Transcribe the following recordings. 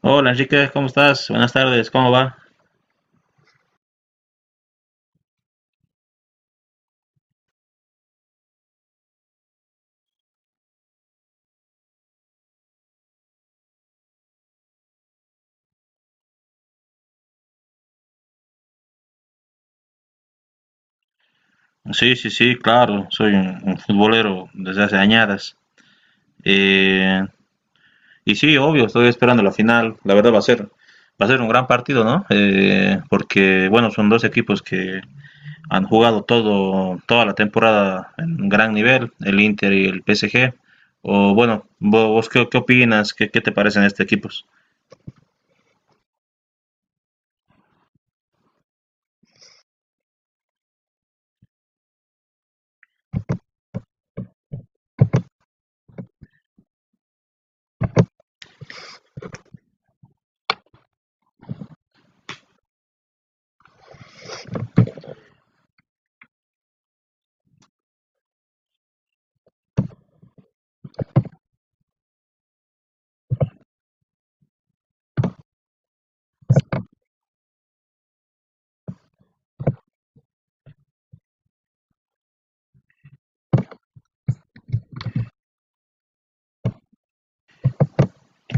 Hola Enrique, ¿cómo estás? Buenas tardes, ¿cómo va? Sí, sí, sí, claro, soy un futbolero desde hace añadas. Eh, y sí, obvio, estoy esperando la final. La verdad va a ser un gran partido, ¿no? Porque, bueno, son dos equipos que han jugado toda la temporada en un gran nivel, el Inter y el PSG. O bueno, vos, qué opinas? Qué te parecen estos equipos?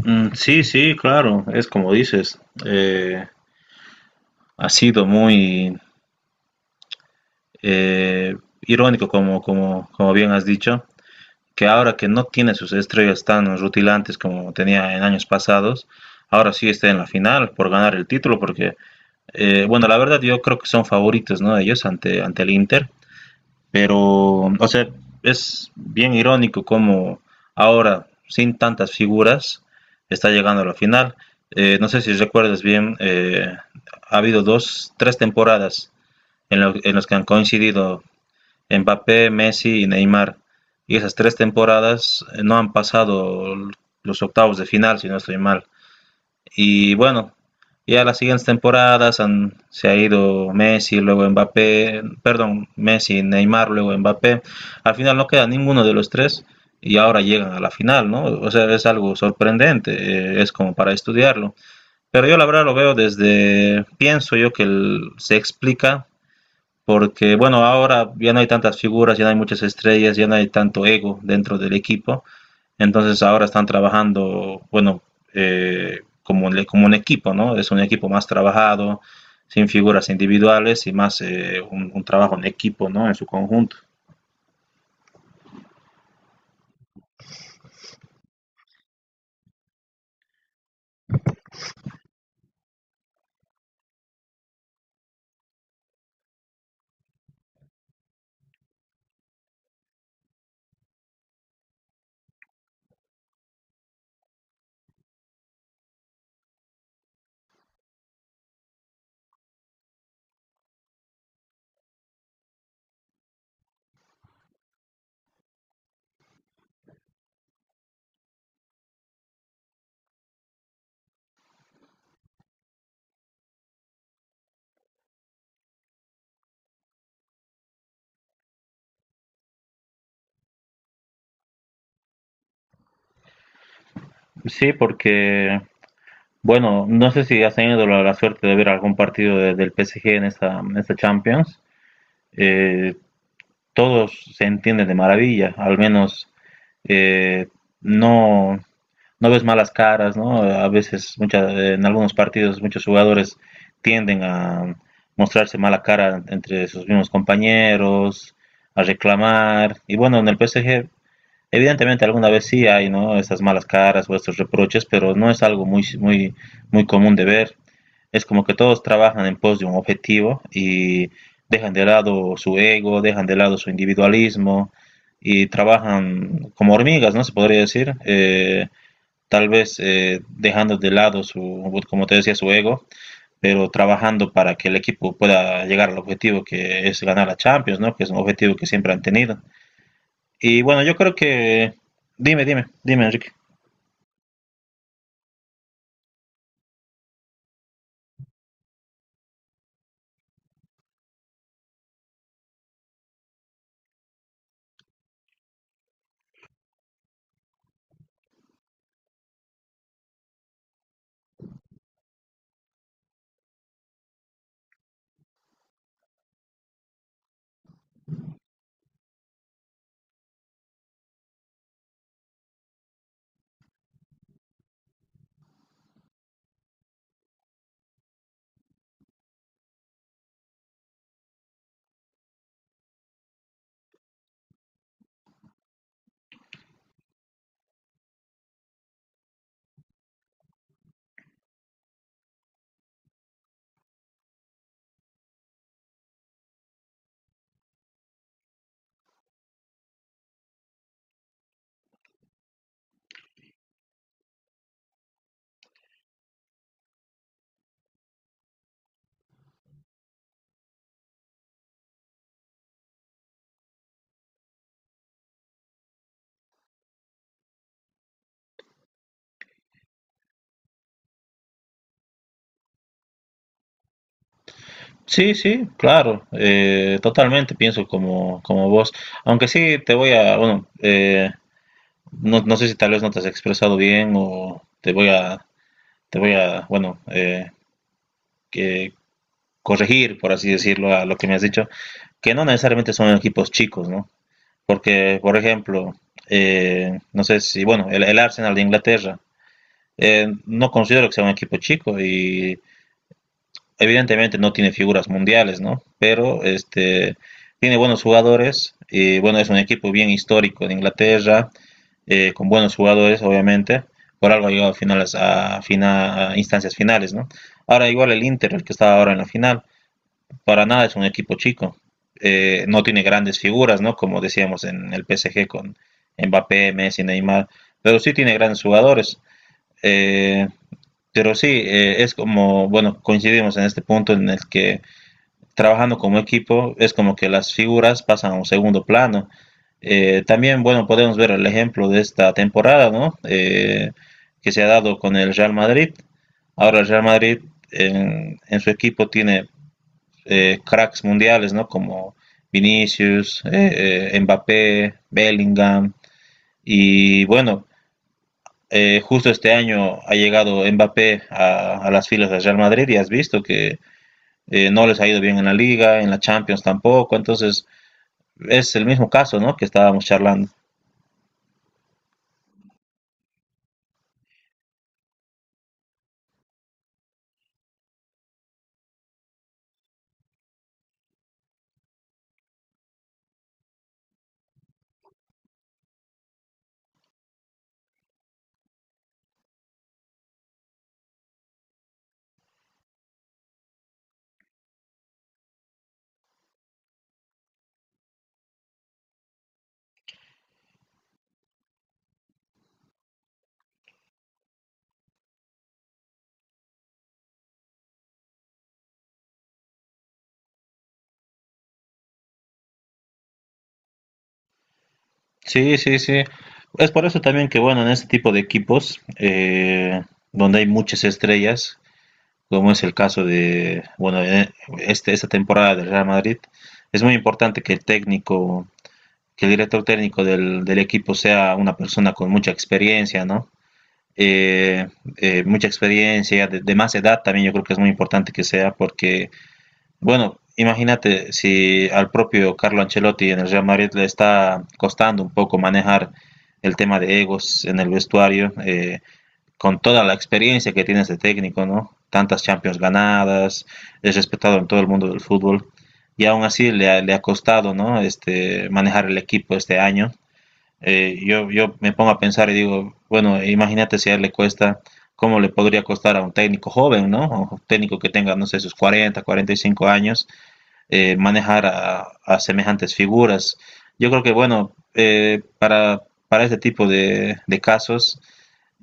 Sí, sí, claro, es como dices. eh, Ha sido eh, irónico, como bien has dicho, que ahora que no tiene sus estrellas tan rutilantes como tenía en años pasados, ahora sí está en la final por ganar el título, porque, bueno, la verdad yo creo que son favoritos, ¿no? Ellos ante el Inter, pero, o sea, es bien irónico como ahora, sin tantas figuras, está llegando a la final. No sé si recuerdas bien, ha habido dos, tres temporadas en las que han coincidido Mbappé, Messi y Neymar. Y esas tres temporadas no han pasado los octavos de final, si no estoy mal. Y bueno, ya las siguientes temporadas se ha ido Messi, luego Mbappé, perdón, Messi, Neymar, luego Mbappé. Al final no queda ninguno de los tres y ahora llegan a la final, ¿no? O sea, es algo sorprendente, es como para estudiarlo. Pero yo la verdad lo veo desde, pienso yo que se explica porque bueno, ahora ya no hay tantas figuras, ya no hay muchas estrellas, ya no hay tanto ego dentro del equipo, entonces ahora están trabajando, bueno, como un equipo, ¿no? Es un equipo más trabajado, sin figuras individuales y más un trabajo en equipo, ¿no? En su conjunto. Sí, porque, bueno, no sé si has tenido la suerte de ver algún partido del PSG en esta Champions. Eh, Todos se entienden de maravilla, al menos eh, no, no ves malas caras, ¿no? A veces, mucha, en algunos partidos, muchos jugadores tienden a mostrarse mala cara entre sus mismos compañeros, a reclamar. Y bueno, en el PSG, evidentemente alguna vez sí hay, ¿no? Estas malas caras o estos reproches, pero no es algo muy común de ver. Es como que todos trabajan en pos de un objetivo y dejan de lado su ego, dejan de lado su individualismo y trabajan como hormigas, ¿no? Se podría decir. Tal vez dejando de lado como te decía, su ego, pero trabajando para que el equipo pueda llegar al objetivo que es ganar la Champions, ¿no? Que es un objetivo que siempre han tenido. Y bueno, yo creo dime, dime, dime, Enrique. Sí, sí, claro, totalmente pienso como, como vos, aunque sí bueno, no, no sé si tal vez no te has expresado bien o bueno, que corregir, por así decirlo, a lo que me has dicho, que no necesariamente son equipos chicos, ¿no? Porque, por ejemplo, no sé si, bueno, el Arsenal de Inglaterra, no considero que sea un equipo chico y evidentemente no tiene figuras mundiales, ¿no? Pero este tiene buenos jugadores y bueno, es un equipo bien histórico de Inglaterra, con buenos jugadores, obviamente. Por algo ha llegado a finales, a instancias finales, ¿no? Ahora igual el Inter, el que está ahora en la final, para nada es un equipo chico, no tiene grandes figuras, ¿no? Como decíamos en el PSG con Mbappé, Messi, Neymar, pero sí tiene grandes jugadores. Eh, pero sí, es como, bueno, coincidimos en este punto en el que trabajando como equipo es como que las figuras pasan a un segundo plano. También, bueno, podemos ver el ejemplo de esta temporada, ¿no? Que se ha dado con el Real Madrid. Ahora el Real Madrid en su equipo tiene cracks mundiales, ¿no? Como Vinicius, Mbappé, Bellingham. Y bueno, justo este año ha llegado Mbappé las filas del Real Madrid y has visto que no les ha ido bien en la liga, en la Champions tampoco, entonces es el mismo caso, ¿no? Que estábamos charlando. Sí, sí, sí. Es por eso también que, bueno, en este tipo de equipos, donde hay muchas estrellas, como es el caso de, bueno, esta temporada del Real Madrid, es muy importante que el técnico, que el director técnico del equipo sea una persona con mucha experiencia, ¿no? Eh, mucha experiencia, de más edad también yo creo que es muy importante que sea, porque, bueno, imagínate si al propio Carlo Ancelotti en el Real Madrid le está costando un poco manejar el tema de egos en el vestuario. Con toda la experiencia que tiene este técnico, ¿no? Tantas Champions ganadas, es respetado en todo el mundo del fútbol y aún así le ha costado, ¿no? Este, manejar el equipo este año. Yo me pongo a pensar y digo, bueno, imagínate si a él le cuesta, ¿cómo le podría costar a un técnico joven, ¿no? O un técnico que tenga, no sé, sus 40, 45 años, manejar semejantes figuras. Yo creo que, bueno, para este tipo de casos,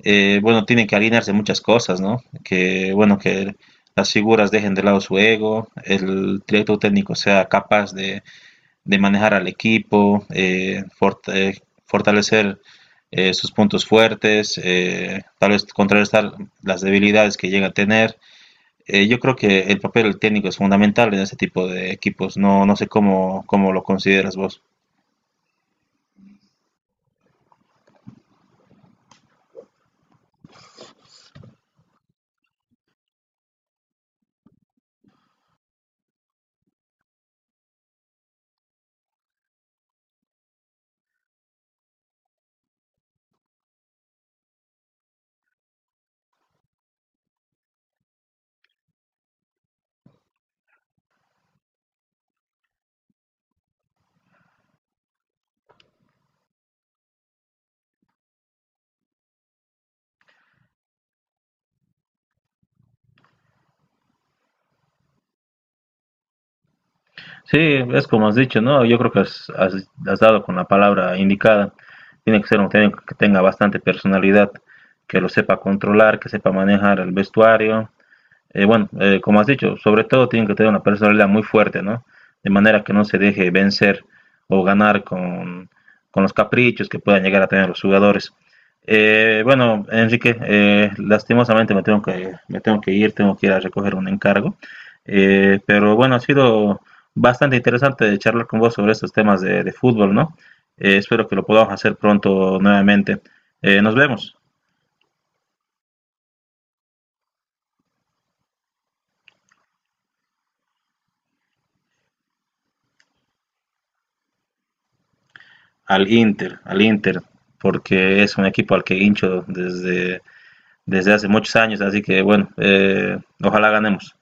bueno, tienen que alinearse muchas cosas, ¿no? Que, bueno, que las figuras dejen de lado su ego, el director técnico sea capaz de manejar al equipo, fortalecer sus puntos fuertes, tal vez contrarrestar las debilidades que llega a tener. Yo creo que el papel del técnico es fundamental en este tipo de equipos. No, no sé cómo, cómo lo consideras vos. Sí, es como has dicho, ¿no? Yo creo que has dado con la palabra indicada. Tiene que ser un técnico que tenga bastante personalidad, que lo sepa controlar, que sepa manejar el vestuario, bueno, como has dicho, sobre todo tienen que tener una personalidad muy fuerte, ¿no? De manera que no se deje vencer o ganar con los caprichos que puedan llegar a tener los jugadores. Bueno, Enrique, lastimosamente me tengo que ir a recoger un encargo. Pero bueno, ha sido bastante interesante charlar con vos sobre estos temas de fútbol, ¿no? Espero que lo podamos hacer pronto nuevamente. Nos vemos. Al Inter, porque es un equipo al que hincho desde, desde hace muchos años, así que bueno, ojalá ganemos.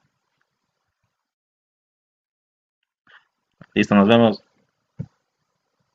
Listo, nos vemos.